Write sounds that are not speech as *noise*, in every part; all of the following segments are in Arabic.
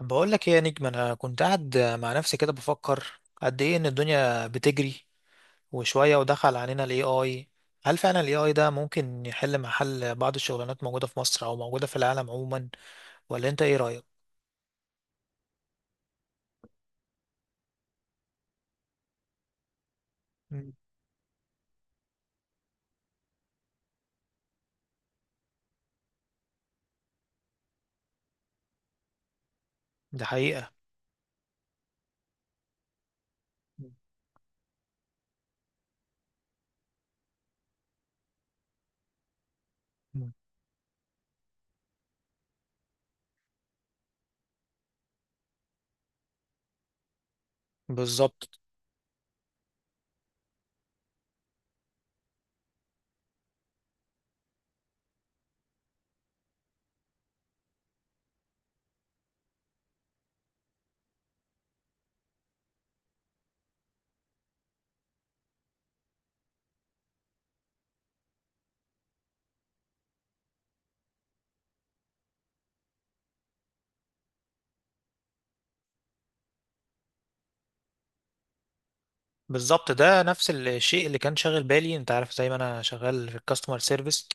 بقول لك ايه يا نجم، انا كنت قاعد مع نفسي كده بفكر قد ايه ان الدنيا بتجري وشويه ودخل علينا الاي اي. هل فعلا الاي اي ده ممكن يحل محل بعض الشغلانات موجوده في مصر او موجوده في العالم عموما؟ ولا انت ايه رايك؟ مم. ده حقيقه. مم. بالظبط. بالظبط، ده نفس الشيء اللي كان شاغل بالي. انت عارف زي ما انا شغال في الكاستمر سيرفيس،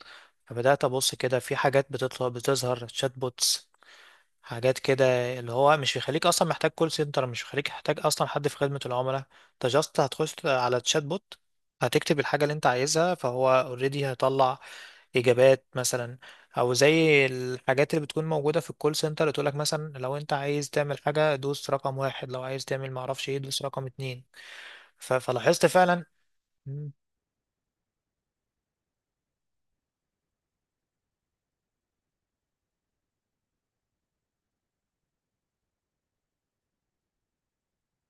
فبدات ابص كده في حاجات بتطلع بتظهر شات بوتس، حاجات كده، اللي هو مش بيخليك اصلا محتاج كول سنتر، مش بيخليك محتاج اصلا حد في خدمة العملاء. انت جاست هتخش على تشات بوت، هتكتب الحاجة اللي انت عايزها فهو اوريدي هيطلع اجابات مثلا. او زي الحاجات اللي بتكون موجودة في الكول سنتر اللي تقولك مثلا لو انت عايز تعمل حاجة دوس رقم واحد، لو عايز تعمل معرفش ايه دوس رقم اتنين. ف- فلاحظت فعلا. مم،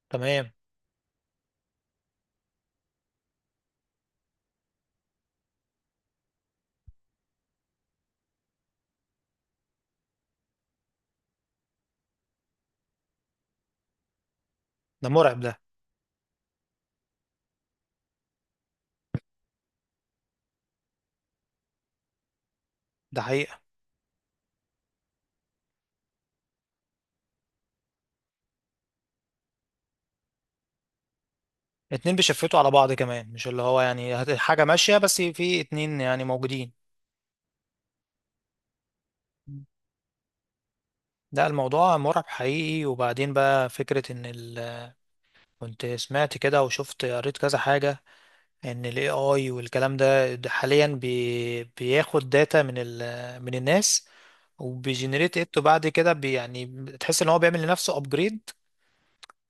تمام. ده مرعب ده. ده حقيقة. اتنين بيشفتوا على بعض كمان، مش اللي هو يعني حاجة ماشية، بس في اتنين يعني موجودين. ده الموضوع مرعب حقيقي. وبعدين بقى فكرة ان كنت سمعت كده وشفت قريت كذا حاجة، ان ال AI والكلام ده حاليا بياخد داتا من من الناس، وبيجنريت ات، وبعد كده يعني تحس ان هو بيعمل لنفسه ابجريد.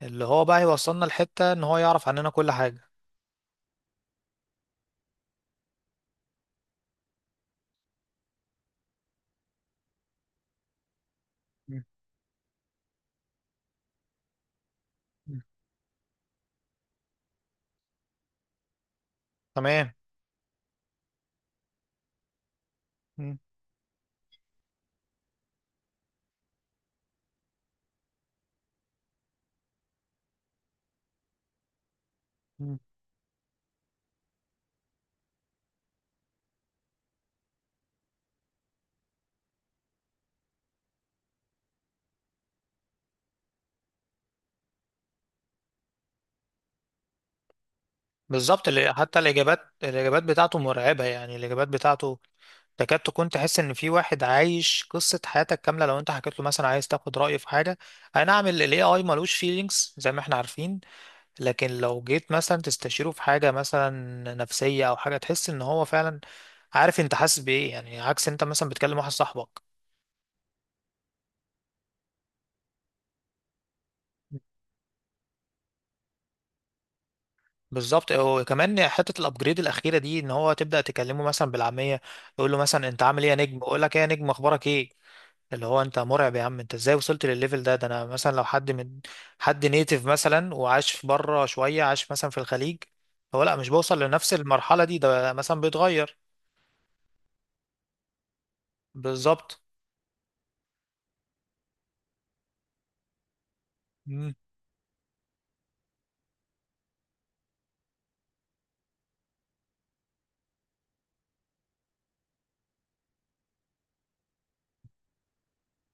اللي هو بقى يوصلنا لحتة ان هو يعرف عننا كل حاجة. مم. مم. تمام. مم. مم. بالظبط. حتى الإجابات، الإجابات بتاعته مرعبة. يعني الإجابات بتاعته تكاد تكون تحس ان في واحد عايش قصة حياتك كاملة، لو انت حكيت له مثلا عايز تاخد رأيه في حاجة. اي نعم، ال AI ملوش feelings زي ما احنا عارفين، لكن لو جيت مثلا تستشيره في حاجة مثلا نفسية او حاجة، تحس ان هو فعلا عارف انت حاسس بايه. يعني عكس انت مثلا بتكلم واحد صاحبك. بالظبط. وكمان حته الابجريد الاخيره دي ان هو تبدا تكلمه مثلا بالعاميه، يقول له مثلا انت عامل ايه يا نجم، يقول لك ايه يا نجم اخبارك ايه. اللي هو انت مرعب يا عم، انت ازاي وصلت للليفل ده؟ ده انا مثلا لو حد من حد نيتيف مثلا وعاش في بره شوية، عاش مثلا في الخليج، هو لا، مش بوصل لنفس المرحلة دي. ده مثلا بيتغير. بالظبط. مم.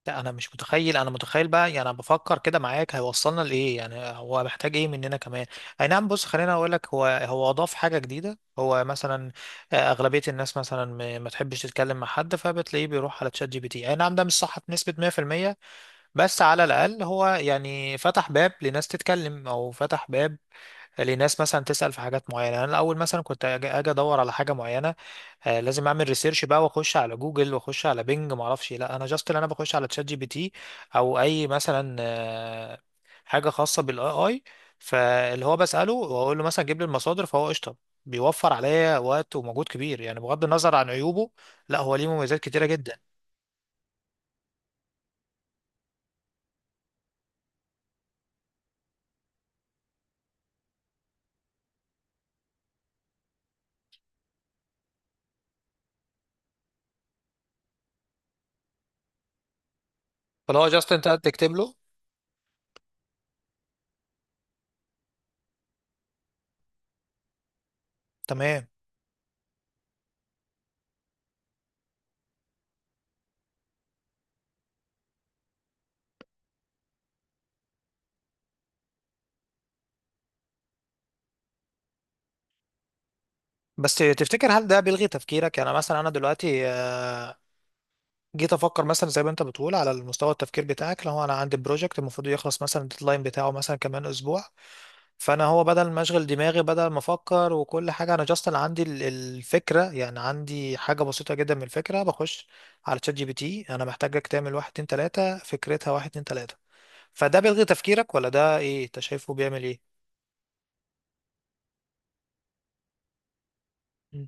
لا انا مش متخيل. انا متخيل بقى، يعني انا بفكر كده معاك هيوصلنا لايه. يعني هو محتاج ايه مننا كمان؟ اي نعم، بص خليني اقول لك، هو اضاف حاجة جديدة، هو مثلا اغلبية الناس مثلا ما تحبش تتكلم مع حد، فبتلاقيه بيروح على تشات جي بي تي. اي نعم، ده مش صح بنسبة 100%، بس على الأقل هو يعني فتح باب لناس تتكلم، أو فتح باب لناس مثلا تسأل في حاجات معينة. أنا الأول مثلا كنت أجي أدور على حاجة معينة، آه لازم أعمل ريسيرش بقى، وأخش على جوجل وأخش على بينج معرفش إيه. لا، أنا جاست اللي أنا بخش على تشات جي بي تي، أو أي مثلا حاجة خاصة بالاي اي، فاللي هو بسأله وأقول له مثلا جيب لي المصادر فهو قشطة. بيوفر عليا وقت ومجهود كبير. يعني بغض النظر عن عيوبه، لا هو ليه مميزات كتيرة جدا. فاللي هو جاست أنت تكتب له. تمام. بس تفتكر هل ده بيلغي تفكيرك؟ يعني مثلا انا دلوقتي جيت افكر مثلا زي ما انت بتقول، على المستوى التفكير بتاعك، لو انا عندي بروجكت المفروض يخلص مثلا، الديدلاين بتاعه مثلا كمان اسبوع، فانا هو بدل ما اشغل دماغي، بدل ما افكر وكل حاجه، انا جاست عندي الفكره، يعني عندي حاجه بسيطه جدا من الفكره، بخش على تشات جي بي تي، انا محتاجك تعمل واحد اتنين تلاته، فكرتها واحد اتنين تلاته. فده بيلغي تفكيرك ولا ده ايه؟ انت شايفه بيعمل ايه؟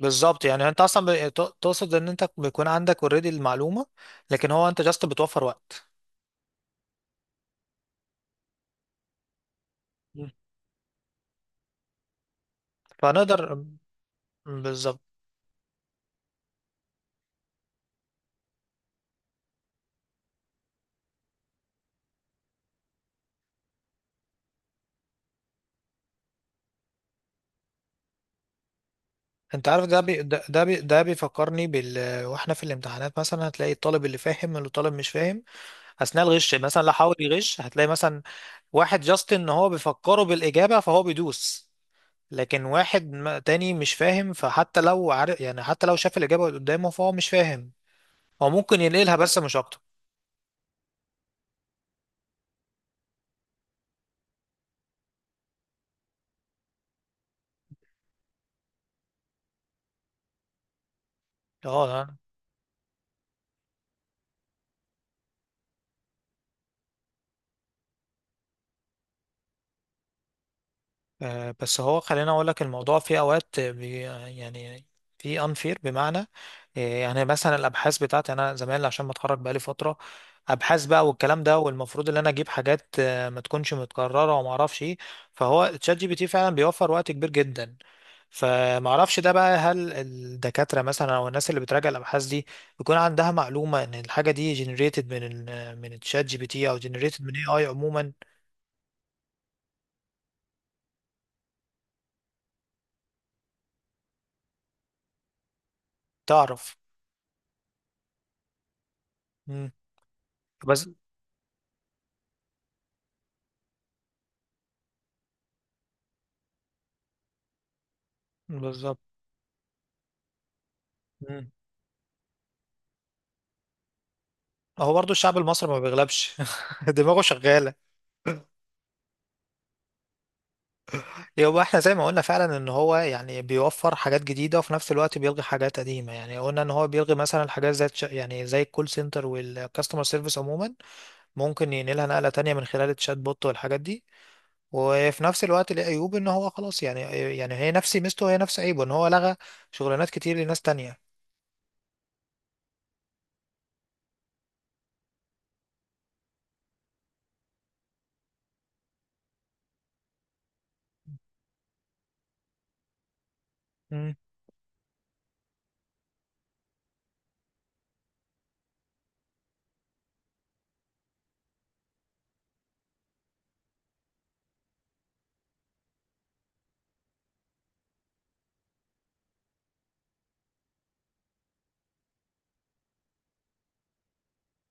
بالظبط. يعني انت اصلا تقصد ان انت بيكون عندك اوريدي المعلومه، لكن هو انت جاست بتوفر وقت. مم. فنقدر. بالظبط. انت عارف، ده بيفكرني بال، واحنا في الامتحانات مثلا، هتلاقي الطالب اللي فاهم الطالب مش فاهم، اثناء الغش مثلا لو حاول يغش، هتلاقي مثلا واحد جاست ان هو بيفكره بالاجابه فهو بيدوس. لكن واحد تاني مش فاهم، فحتى لو عارف، يعني حتى لو شاف الاجابه قدامه فهو مش فاهم، هو ممكن ينقلها بس مش اكتر. اه. بس هو خليني اقول لك الموضوع في اوقات يعني في انفير، بمعنى يعني مثلا الابحاث بتاعتي يعني، انا زمان عشان متخرج بقالي فتره، ابحاث بقى والكلام ده، والمفروض ان انا اجيب حاجات ما تكونش متكرره وما اعرفش ايه. فهو تشات جي بي تي فعلا بيوفر وقت كبير جدا. فما اعرفش ده بقى، هل الدكاتره مثلا او الناس اللي بتراجع الابحاث دي بيكون عندها معلومه ان الحاجه دي جنريتد من من الشات جي بي تي، او جنريتد من اي اي عموما؟ تعرف. مم. بس. بالظبط. مم. هو برضو الشعب المصري ما بيغلبش *laughs* دماغه شغالة. هو احنا زي ما قلنا فعلا ان هو يعني بيوفر حاجات جديدة، وفي نفس الوقت بيلغي حاجات قديمة. يعني قلنا ان هو بيلغي مثلا الحاجات زي يعني زي الكول سنتر والكاستمر سيرفيس عموما. ممكن ينقلها نقلة تانية من خلال الشات بوت والحاجات دي، وفي نفس الوقت ليه عيوب ان هو خلاص يعني، يعني هي نفس ميزته وهي نفس عيبه، ان هو لغى شغلانات كتير لناس تانية.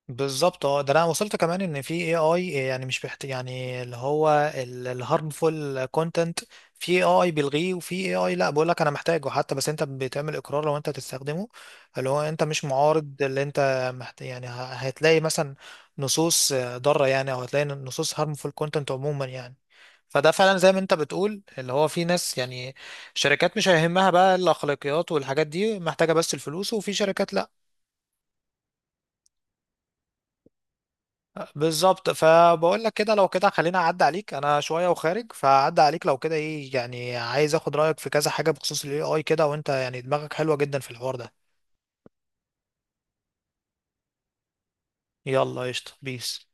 بالظبط. اه، ده انا وصلت كمان ان في اي اي يعني مش بحت، يعني اللي هو الهارمفول كونتنت، في اي اي بيلغيه وفي اي اي لا بقول لك انا محتاجه حتى، بس انت بتعمل اقرار لو انت تستخدمه، اللي هو انت مش معارض، اللي انت يعني هتلاقي مثلا نصوص ضاره، يعني او هتلاقي نصوص هارمفول كونتنت عموما يعني. فده فعلا زي ما انت بتقول اللي هو في ناس يعني شركات مش هيهمها بقى الاخلاقيات والحاجات دي، محتاجه بس الفلوس، وفي شركات لا. بالظبط، فبقول لك كده لو كده، خلينا اعدي عليك انا شويه وخارج، فاعدي عليك لو كده ايه، يعني عايز اخد رايك في كذا حاجه بخصوص الاي اي كده، وانت يعني دماغك حلوه جدا في الحوار ده. يلا قشطه، بيس.